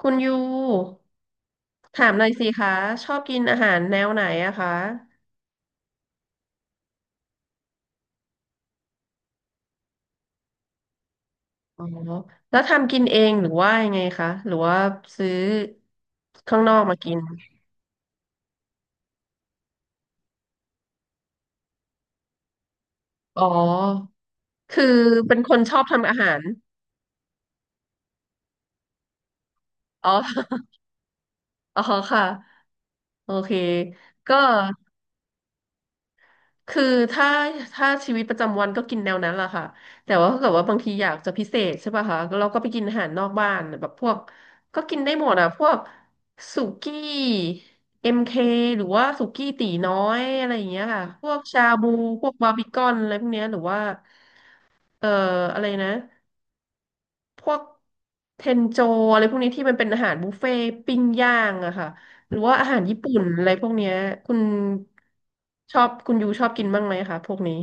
คุณยูถามหน่อยสิคะชอบกินอาหารแนวไหนอะคะอ๋อแล้วทำกินเองหรือว่ายังไงคะหรือว่าซื้อข้างนอกมากินอ๋อคือเป็นคนชอบทำอาหารอ๋อ อ๋อค่ะโอเคก็ คือถ้าชีวิตประจำวันก็กินแนวนั้นแหละค่ะแต่ว่าถ้าเกิดว่าบางทีอยากจะพิเศษใช่ป่ะคะเราก็ไปกินอาหารนอกบ้านแบบพวกก็กินได้หมดอ่ะพวกสุกี้เอ็มเคหรือว่าสุกี้ตี๋น้อยอะไรอย่างเงี้ยค่ะพวกชาบูพวกบาร์บีคอนอะไรพวกเนี้ยหรือว่าเอ่ออะไรนะพวกเทนโจอะไรพวกนี้ที่มันเป็นอาหารบุฟเฟ่ต์ปิ้งย่างอะค่ะหรือว่าอาหารญี่ปุ่นอะไรพวกเนี้ยคุณชอบคุณยูชอบกินบ้างไหมคะพวกนี้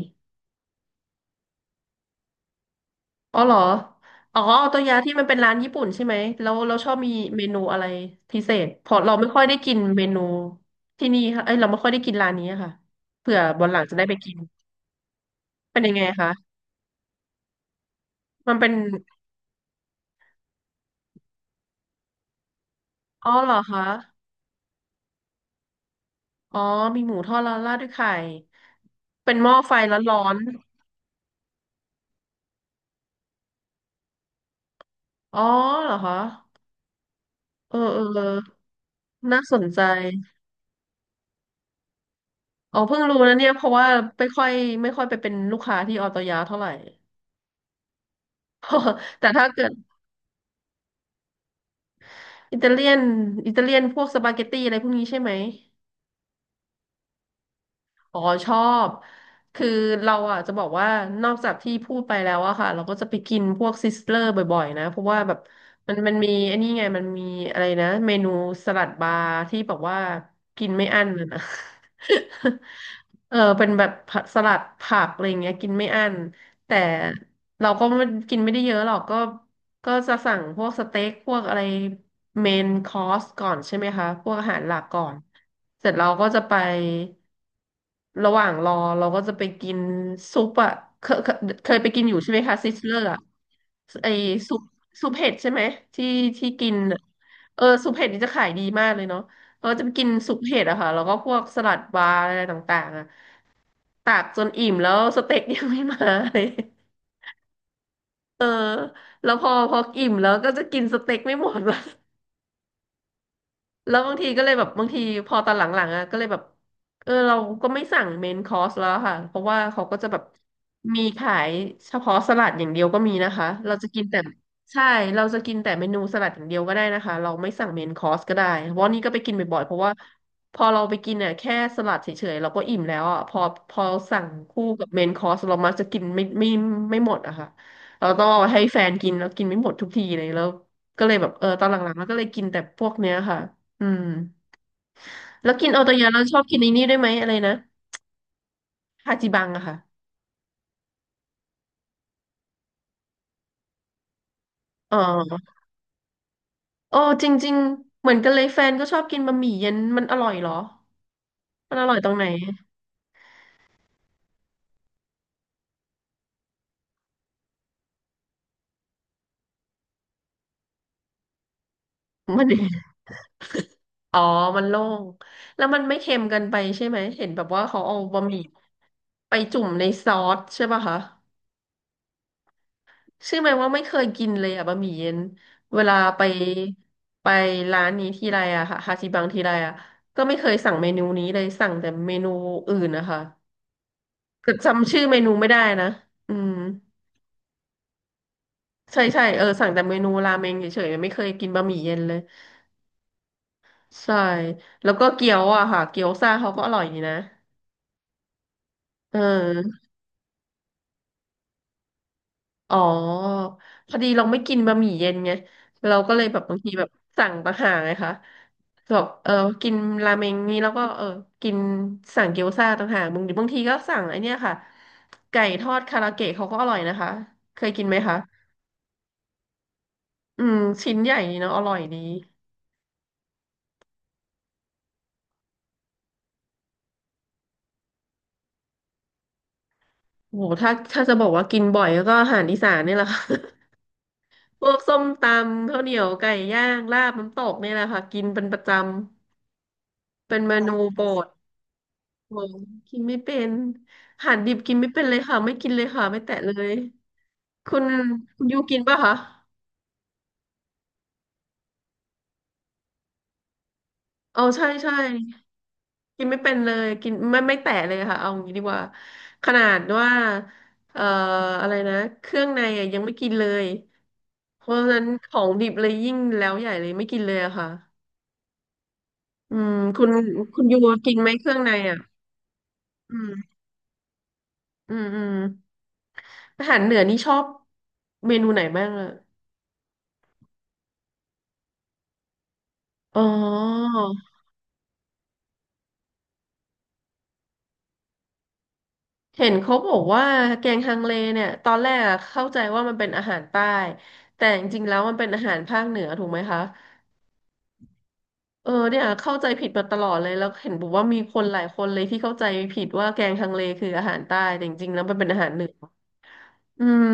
อ๋อเหรออ๋อเอาตัวยาที่มันเป็นร้านญี่ปุ่นใช่ไหมแล้วเราชอบมีเมนูอะไรพิเศษเพราะเราไม่ค่อยได้กินเมนูที่นี่ค่ะเอ้ยเราไม่ค่อยได้กินร้านนี้ค่ะเผื่อวันหลังจะได้ไปกินเป็นยังไงคะ มันเป็นอ๋อเหรอคะอ๋อมีหมูทอดแล้วราดด้วยไข่เป็นหม้อไฟร้อนร้อนอ๋อเหรอคะเออเออเออน่าสนใจอ๋อเพิ่งรู้นะเนี่ยเพราะว่าไม่ค่อยไปเป็นลูกค้าที่ออโตยาเท่าไหร่ แต่ถ้าเกิด อิตาเลียนพวกสปาเกตตี้อะไรพวกนี้ใช่ไหมอ๋อชอบคือเราอ่ะจะบอกว่านอกจากที่พูดไปแล้วอะค่ะเราก็จะไปกินพวกซิสเลอร์บ่อยๆนะเพราะว่าแบบมันมีไอันนี้ไงมันมีอะไรนะเมนูสลัดบาร์ที่แบบว่ากินไม่อั้นเลยนะ เออเป็นแบบผักสลัดผักอะไรอย่างเงี้ยกินไม่อั้นแต่ เราก็ไม่กินไม่ได้เยอะหรอกก็จะสั่งพวกสเต็กพวกอะไรเมนคอร์สก่อนใช่ไหมคะพวกอาหารหลักก่อนเสร็จเราก็จะไประหว่างรอเราก็จะไปกินซุปอะเคยเคยไปกินอยู่ใช่ไหมคะซิสเลอร์อะไอซุปซุปเห็ดใช่ไหมที่กินอะเออซุปเห็ดนี่จะขายดีมากเลยเนาะเราก็จะไปกินซุปเห็ดอะค่ะแล้วก็พวกสลัดบาร์อะไรต่างๆอะตักจนอิ่มแล้วสเต็กยังไม่มาเลย เออแล้วพออิ่มแล้วก็จะกินสเต็กไม่หมดละ แล้วบางทีก็เลยแบบบางทีพอตอนหลังๆอ่ะก็เลยแบบเออเราก็ไม่สั่งเมนคอร์สแล้วค่ะเพราะว่าเขาก็จะแบบมีขายเฉพาะสลัดอย่างเดียวก็มีนะคะเราจะกินแต่ใช่เราจะกินแต่เมนูสลัดอย่างเดียวก็ได้นะคะเราไม่สั่งเมนคอร์สก็ได้เพราะนี่ก็ไปกินบ่อยๆเพราะว่าพอเราไปกินเนี่ยแค่สลัดเฉยๆเราก็อิ่มแล้วอ่ะพอพอสั่งคู่กับเมนคอร์สเรามักจะกินไม่ไม่หมดอะค่ะเราต้องเอาให้แฟนกินแล้วกินไม่หมดทุกทีเลยแล้วก็เลยแบบเออตอนหลังๆแล้วก็เลยกินแต่พวกเนี้ยค่ะ อืมแล้วกินโอโตยะเราชอบกินไอ้นี่ด้วยไหมอะไรนะฮาจิบังอะค่ะอ๋อโอ้จริงๆเหมือนกันเลยแฟนก็ชอบกินบะหมี่เย็นมันอร่อยเหรอมันอร่อยตรงไหนมัน อ๋อมันโล่งแล้วมันไม่เค็มเกินไปใช่ไหมเห็นแบบว่าเขาเอาบะหมี่ไปจุ่มในซอสใช่ป่ะคะเชื่อไหมว่าไม่เคยกินเลยอะบะหมี่เย็นเวลาไปไปร้านนี้ทีไรอะค่ะฮาจิบังทีไรอะก็ไม่เคยสั่งเมนูนี้เลยสั่งแต่เมนูอื่นนะคะ แต่จำชื่อเมนูไม่ได้นะอืมใช่ใช่เออสั่งแต่เมนูราเมงเฉยๆไม่เคยกินบะหมี่เย็นเลยใช่แล้วก็เกี๊ยวอะค่ะเกี๊ยวซ่าเขาก็อร่อยดีนะเอออ๋อพอดีเราไม่กินบะหมี่เย็นไงเราก็เลยแบบบางทีแบบสั่งต่างหากไงคะแบบเออกินราเมงนี้แล้วก็เออกินเกี๊ยวซ่าต่างหากบางทีก็สั่งไอเนี้ยค่ะไก่ทอดคาราเกะเขาก็อร่อยนะคะเคยกินไหมคะอืมชิ้นใหญ่ดีเนาะอร่อยดี โหถ้าจะบอกว่ากินบ่อยก็อาหารอีสานนี่แหละค่ะ พวกส้มตำข้าวเหนียวไก่ย่างลาบน้ำตกนี่แหละค่ะกินเป็นประจำเป็นเมนูโปรดโหกินไม่เป็นอาหารดิบกินไม่เป็นเลยค่ะไม่กินเลยค่ะไม่แตะเลยคุณคุณยูกินป่ะคะเอาใช่ใช่กินไม่เป็นเลยกินไม่แตะเลยค่ะเอางี้ดีกว่าขนาดว่าเอ่ออะไรนะเครื่องในอะยังไม่กินเลยเพราะฉะนั้นของดิบเลยยิ่งแล้วใหญ่เลยไม่กินเลยอะค่ะ อืมคุณยูกินไหมเครื่องในอ่ะอืมอืมอืมอาหารเหนือนี่ชอบเมนูไหนบ้างอ่ะอ๋อเห็นเขาบอกว่าแกงฮังเลเนี่ยตอนแรกอะเข้าใจว่ามันเป็นอาหารใต้แต่จริงๆแล้วมันเป็นอาหารภาคเหนือถูกไหมคะเออเนี่ยเข้าใจผิดมาตลอดเลยแล้วเห็นบอกว่ามีคนหลายคนเลยที่เข้าใจผิดว่าแกงฮังเลคืออาหารใต้แต่จริงๆแล้วมันเป็นอาหารเหนืออืม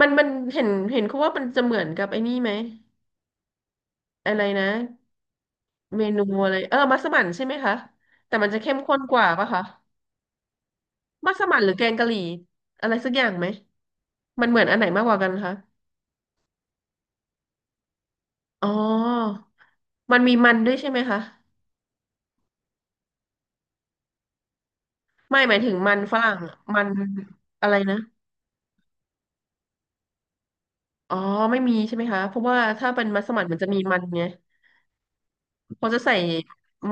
มันเห็นเขาว่ามันจะเหมือนกับไอ้นี่ไหมอะไรนะ เมนูอะไรเออมัสมั่นใช่ไหมคะแต่มันจะเข้มข้นกว่าปะคะมัสมั่นหรือแกงกะหรี่อะไรสักอย่างไหมมันเหมือนอันไหนมากกว่ากันคะอ๋อมันมีมันด้วยใช่ไหมคะไม่หมายถึงมันฝรั่งอะมันอะไรนะอ๋อไม่มีใช่ไหมคะเพราะว่าถ้าเป็นมัสมั่นมันจะมีมันไงเขาจะใส่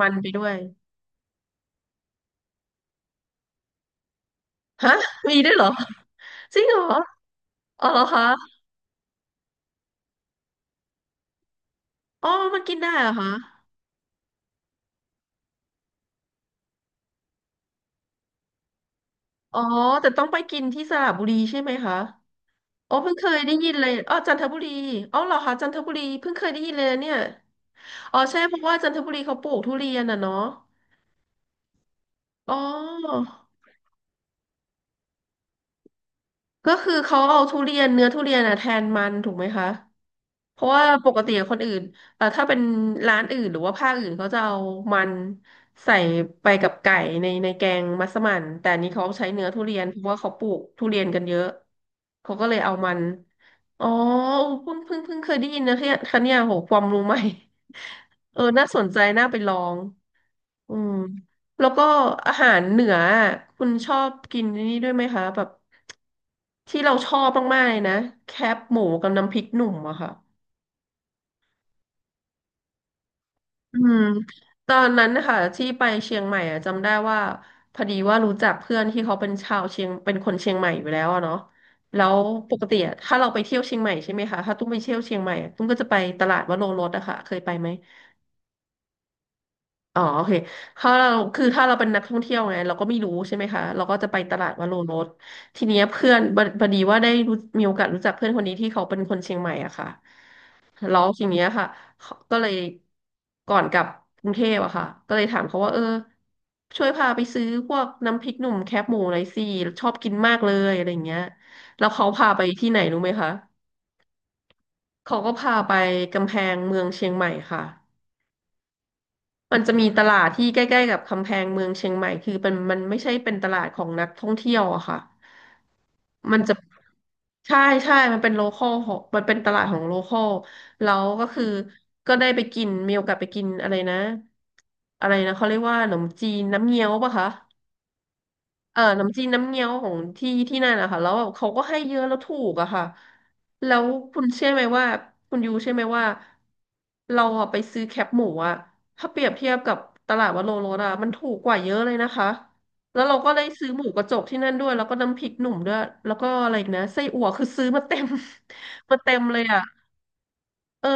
มันไปด้วยฮะมีด้วยเหรอจริงเหรออ๋อเหรอคะอ๋อมันกินได้เหรอคะอ๋อแต่ต้องไปกินที่สระบุรีใช่ไหมคะ อ๋อเพิ่งเคยได้ยินเลยอ๋อจันทบุรีอ๋อเหรอคะจันทบุรีเพิ่งเคยได้ยินเลยนะเนี่ยอ๋อใช่เพราะว่าจันทบุรีเขาปลูกทุเรียนอ่ะเนาะอ๋อ ก็คือเขาเอาทุเรียนเนื้อทุเรียนอะแทนมันถูกไหมคะเพราะว่าปกติคนอื่นถ้าเป็นร้านอื่นหรือว่าภาคอื่นเขาจะเอามันใส่ไปกับไก่ในแกงมัสมั่นแต่อันนี้เขาใช้เนื้อทุเรียนเพราะว่าเขาปลูกทุเรียนกันเยอะเขาก็เลยเอามันอ๋อเพิ่งเคยได้ยินนะเนี่ยคะเนี่ยโหความรู้ใหม่ เออน่าสนใจน่าไปลองอืมแล้วก็อาหารเหนืออะคุณชอบกินนี่ด้วยไหมคะแบบ ที่เราชอบมากๆเลยนะแคบหมูกับน้ำพริกหนุ่มอะค่ะอืมตอนนั้นนะคะที่ไปเชียงใหม่อะจำได้ว่าพอดีว่ารู้จักเพื่อนที่เขาเป็นชาวเชียงเป็นคนเชียงใหม่อยู่แล้วอะเนาะแล้วปกติอะถ้าเราไปเที่ยวเชียงใหม่ใช่ไหมคะถ้าตุ้มไปเที่ยวเชียงใหม่อะตุ้มก็จะไปตลาดวโรรสอะค่ะเคยไปไหมอ๋อโอเคถ้าเราคือถ้าเราเป็นนักท่องเที่ยวไงเราก็ไม่รู้ใช่ไหมคะเราก็จะไปตลาดวโรรสทีเนี้ยเพื่อนพอดีว่าได้รู้มีโอกาสรู้จักเพื่อนคนนี้ที่เขาเป็นคนเชียงใหม่อะค่ะ แล้วทีเนี้ยค่ะเขาก็เลยก่อนกลับกรุงเทพอะค่ะก็เลยถามเขาว่าเออช่วยพาไปซื้อพวกน้ำพริกหนุ่มแคบหมูหน่อยสิชอบกินมากเลยอะไรอย่างเงี้ยแล้วเขาพาไปที่ไหนรู้ไหมคะเขาก็พาไปกำแพงเมืองเชียงใหม่ค่ะมันจะมีตลาดที่ใกล้ๆกับกำแพงเมืองเชียงใหม่คือเป็นมันไม่ใช่เป็นตลาดของนักท่องเที่ยวอะค่ะมันจะ ใช่ใช่มันเป็นโลคอลของมันเป็นตลาดของโลคอลแล้วก็คือก็ได้ไปกินมีโอกาสไปกินอะไรนะอะไรนะเขาเรียกว่าขนมจีนน้ำเงี้ยวปะคะ น้ำจีนน้ำเงี้ยวของที่นั่นนะคะ แล้วแบบเขาก็ให้เยอะแล้วถูกอะค่ะแล้วคุณเชื่อไหมว่า คุณยูเชื่อไหมว่า เราอะไปซื้อแคปหมูอะถ้าเปรียบเทียบกับตลาดวัดโลโรสอะมันถูกกว่าเยอะเลยนะคะ แล้วเราก็เลยซื้อหมูกระจกที่นั่นด้วย แล้วก็น้ำพริกหนุ่มด้วย แล้วก็อะไรอีกนะไส้อั่วคือซื้อมาเต็ม มาเต็มเลยอะ เออ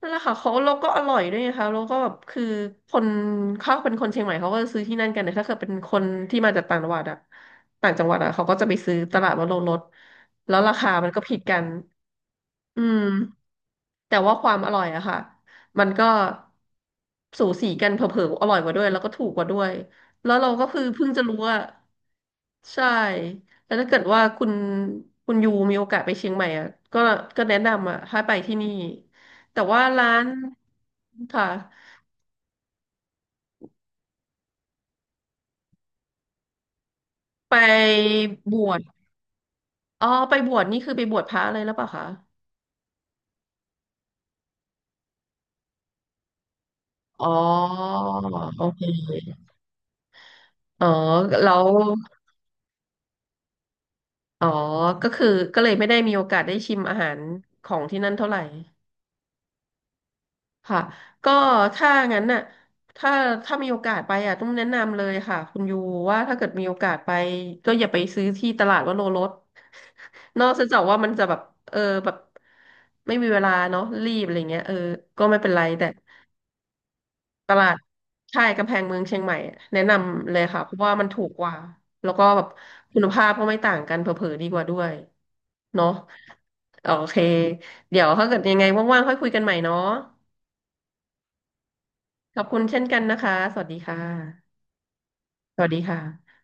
นั่นแหละค่ะเขาแล้วก็อร่อยด้วยนะคะแล้วก็แบบคือคนเขาเป็นคนเชียงใหม่เขาก็ซื้อที่นั่นกันแต่ถ้าเกิดเป็นคนที่มาจากต่างจังหวัดอะต่างจังหวัดอะเขาก็จะไปซื้อตลาดวโรรสแล้วราคามันก็ผิดกันอืมแต่ว่าความอร่อยอะค่ะมันก็สูสีกันเผลอๆอร่อยกว่าด้วยแล้วก็ถูกกว่าด้วยแล้วเราก็คือเพิ่งจะรู้ว่า ใช่ แล้วถ้าเกิดว่าคุณยูมีโอกาสไปเชียงใหม่อ่ะก็ก็แนะนำอ่ะให้ไปที่นี่ แต่ว่าร้านค่ะไปบวชอ๋อไปบวชนี่คือไปบวชพระเลยหรือเปล่าคะอ๋อโอเคอ๋อแล้วอ๋อก็คือก็เลยไม่ได้มีโอกาสได้ชิมอาหารของที่นั่นเท่าไหร่ ค่ะก็ถ้างั้นน่ะถ้าถ้ามีโอกาสไปอ่ะต้องแนะนำเลยค่ะคุณยูว่าถ้าเกิดมีโอกาสไปก็อย่าไปซื้อที่ตลาดวโรรส นอกจากว่ามันจะแบบเออแบบไม่มีเวลาเนาะรีบอะไรเงี้ยเออก็ไม่เป็นไรแต่ตลาดใช่กำแพงเมืองเชียงใหม่อะแนะนำเลยค่ะเพราะว่ามันถูกกว่าแล้วก็แบบคุณภาพก็ไม่ต่างกันเผลอๆดีกว่าด้วยเนาะโอเคเดี๋ยวถ้าเกิดยังไงว่างๆค่อยคุยกันใหม่เนาะ ขอบคุณเช่นกันนะคะ สวัสดีค่ะสวัสดีค่ะ